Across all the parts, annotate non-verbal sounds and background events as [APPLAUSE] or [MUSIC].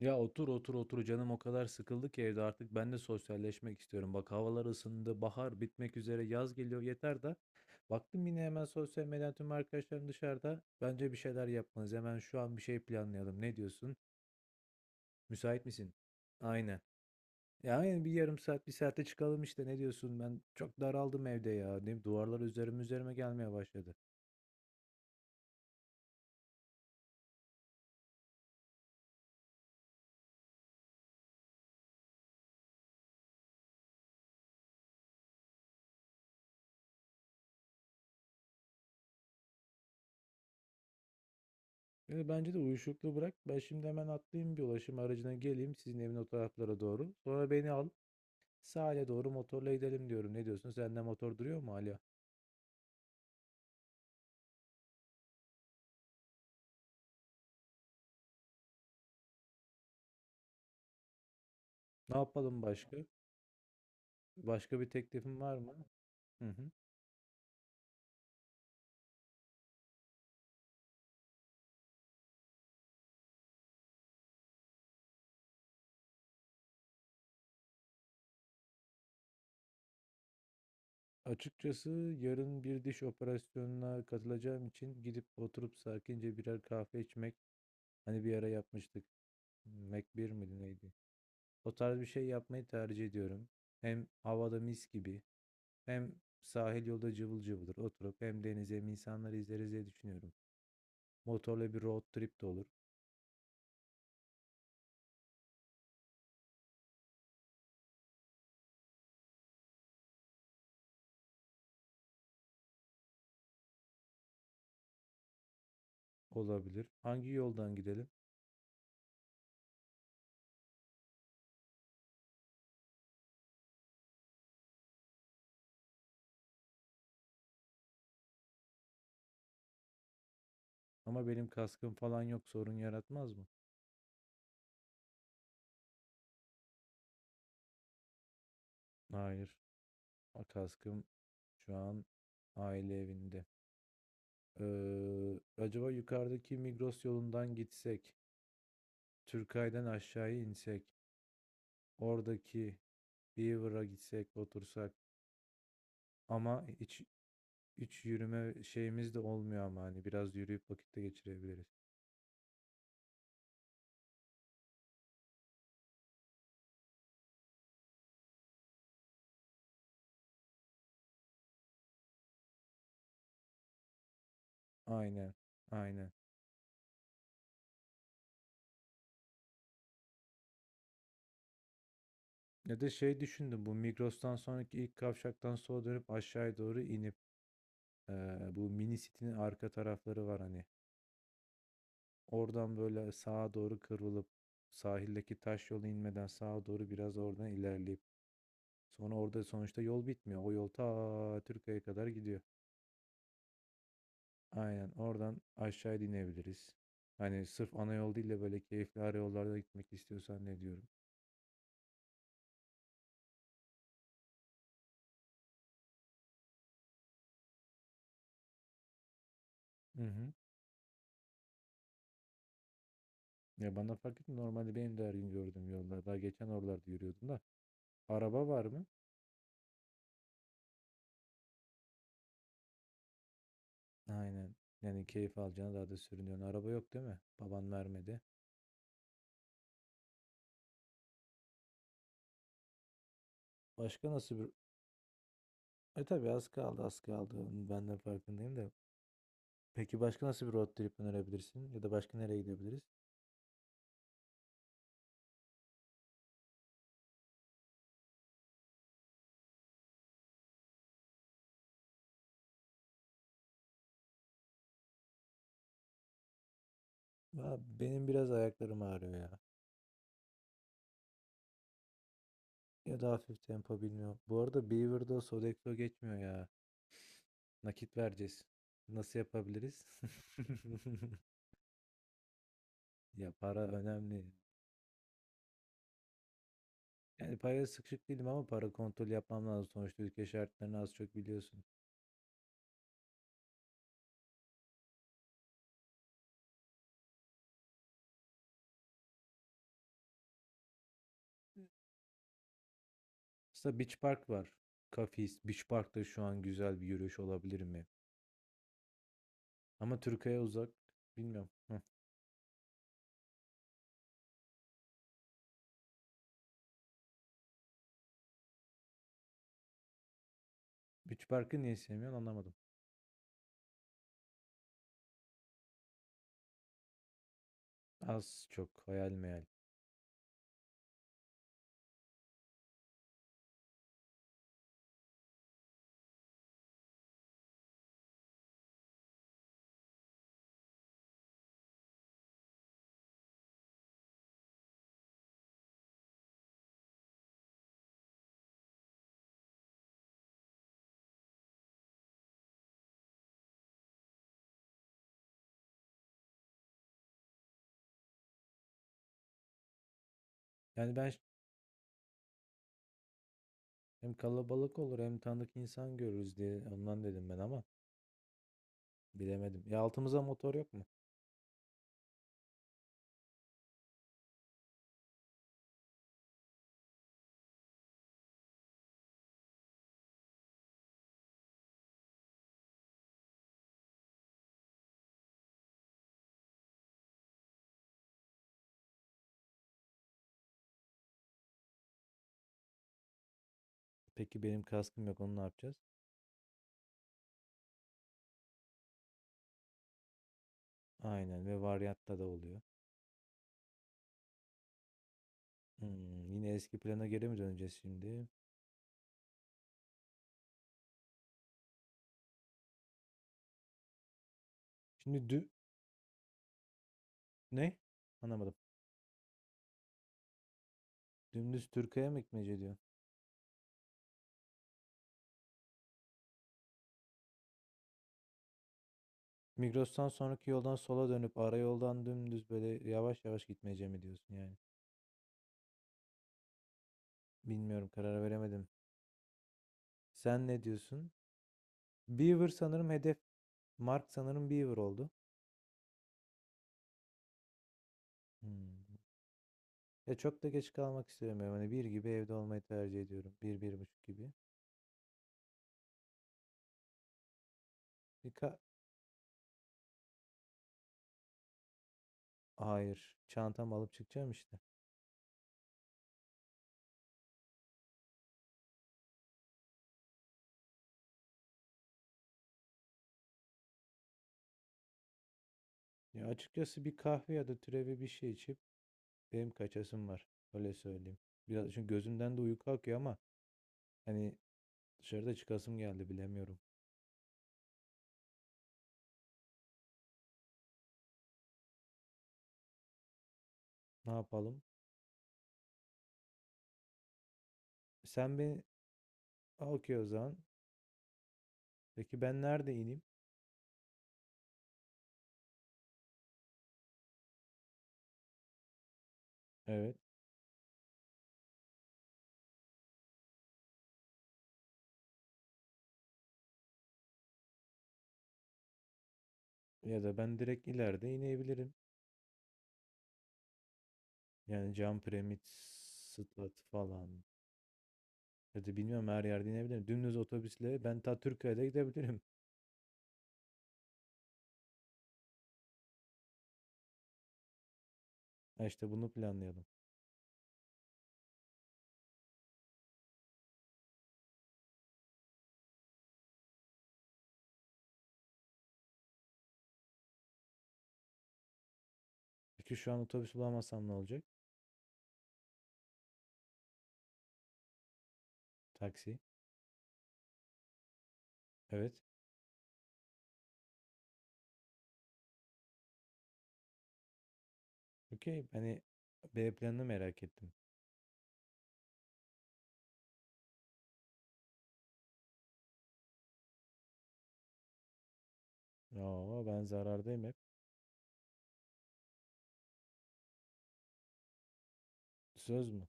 Ya otur otur otur canım o kadar sıkıldı ki evde artık ben de sosyalleşmek istiyorum. Bak havalar ısındı, bahar bitmek üzere, yaz geliyor yeter de. Baktım yine hemen sosyal medyadan tüm arkadaşlarım dışarıda. Bence bir şeyler yapmalıyız. Hemen şu an bir şey planlayalım. Ne diyorsun? Müsait misin? Aynen. Ya aynen bir yarım saat, bir saate çıkalım işte. Ne diyorsun? Ben çok daraldım evde ya. Değil mi? Duvarlar üzerime üzerime gelmeye başladı. Yani bence de uyuşukluğu bırak. Ben şimdi hemen atlayayım bir ulaşım aracına geleyim sizin evin o taraflara doğru. Sonra beni al. Sahile doğru motorla gidelim diyorum. Ne diyorsun? Sende motor duruyor mu hala? Ne yapalım başka? Başka bir teklifin var mı? Hı hı. Açıkçası yarın bir diş operasyonuna katılacağım için gidip oturup sakince birer kahve içmek hani bir ara yapmıştık. Mac bir miydi neydi? O tarz bir şey yapmayı tercih ediyorum. Hem havada mis gibi hem sahil yolda cıvıl cıvıldır oturup hem denize hem insanları izleriz diye düşünüyorum. Motorla bir road trip de olur. Olabilir. Hangi yoldan gidelim? Ama benim kaskım falan yok sorun yaratmaz mı? Hayır. O kaskım şu an aile evinde. Acaba yukarıdaki Migros yolundan gitsek, Türkay'dan aşağıya insek, oradaki Beaver'a gitsek, otursak ama hiç yürüme şeyimiz de olmuyor ama hani biraz yürüyüp vakitte geçirebiliriz. Aynen, aynen. Ya da şey düşündüm bu Migros'tan sonraki ilk kavşaktan sola dönüp aşağıya doğru inip ee, bu mini city'nin arka tarafları var hani. Oradan böyle sağa doğru kıvrılıp sahildeki taş yola inmeden sağa doğru biraz oradan ilerleyip sonra orada sonuçta yol bitmiyor. O yol ta Türkiye'ye kadar gidiyor. Aynen oradan aşağıya inebiliriz. Hani sırf ana yol değil de böyle keyifli ara yollarda gitmek istiyorsan ne diyorum. Hı hı. Ya bana fark etmiyor. Normalde benim de her gün gördüğüm yollar. Daha geçen oralarda yürüyordum da. Araba var mı? Aynen. Yani keyif alacağına daha da sürünüyorsun. Araba yok değil mi? Baban vermedi. Başka nasıl bir E tabii az kaldı az kaldı. Ben de farkındayım da. Peki başka nasıl bir road trip önerebilirsin? Ya da başka nereye gidebiliriz? Ya benim biraz ayaklarım ağrıyor ya. Ya da hafif tempo bilmiyorum. Bu arada Beaver'da Sodexo geçmiyor ya. Nakit vereceğiz. Nasıl yapabiliriz? [LAUGHS] Ya para önemli. Yani paraya sıkışık değilim ama para kontrol yapmam lazım. Sonuçta ülke şartlarını az çok biliyorsun. Aslında Beach Park var. Kafis. Beach Park'ta şu an güzel bir yürüyüş olabilir mi? Ama Türkiye'ye uzak. Bilmiyorum. Beach Park'ı niye sevmiyorsun anlamadım. Az çok hayal meyal. Yani ben ş- Hem kalabalık olur hem tanıdık insan görürüz diye ondan dedim ben ama bilemedim. Ya altımıza motor yok mu? Peki benim kaskım yok onu ne yapacağız? Aynen ve varyatta da oluyor. Yine eski plana geri mi döneceğiz şimdi? Şimdi dü... Ne? Anlamadım. Dümdüz Türkiye'ye mi gitmece diyor? Migros'tan sonraki yoldan sola dönüp ara yoldan dümdüz böyle yavaş yavaş gitmece mi diyorsun yani? Bilmiyorum karar veremedim. Sen ne diyorsun? Beaver sanırım hedef. Mark sanırım Beaver oldu. Hmm. Ya çok da geç kalmak istemiyorum. Hani bir gibi evde olmayı tercih ediyorum. Bir, bir buçuk gibi. Bir ka- Hayır. Çantamı alıp çıkacağım işte. Ya açıkçası bir kahve ya da türevi bir şey içip benim kaçasım var. Öyle söyleyeyim. Biraz çünkü gözümden de uyku akıyor ama hani dışarıda çıkasım geldi bilemiyorum. Ne yapalım? Sen beni Aa, okey o zaman. Peki ben nerede ineyim? Evet. Ya da ben direkt ileride inebilirim. Yani cam piramit, stat falan. Ya da bilmiyorum her yerde inebilirim. Dümdüz otobüsle ben ta Türkiye'de gidebilirim. [LAUGHS] Ha işte bunu planlayalım. Peki şu an otobüs bulamazsam ne olacak? Taksi. Evet. Okey. Hani B planını merak ettim. Aa ben zarardayım hep. Söz mü?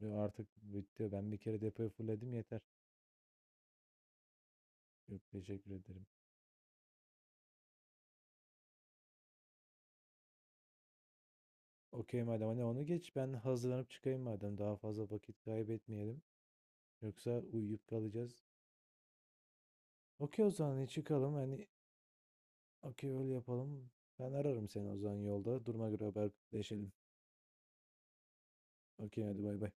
Yo, artık bitti. Ben bir kere depoyu fulledim yeter. Yok teşekkür ederim. Okey madem hani onu geç ben hazırlanıp çıkayım madem daha fazla vakit kaybetmeyelim. Yoksa uyuyup kalacağız. Okey o zaman hani çıkalım hani. Okey öyle yapalım. Ben ararım seni o zaman yolda. Duruma göre haberleşelim. Okey hadi bay bay.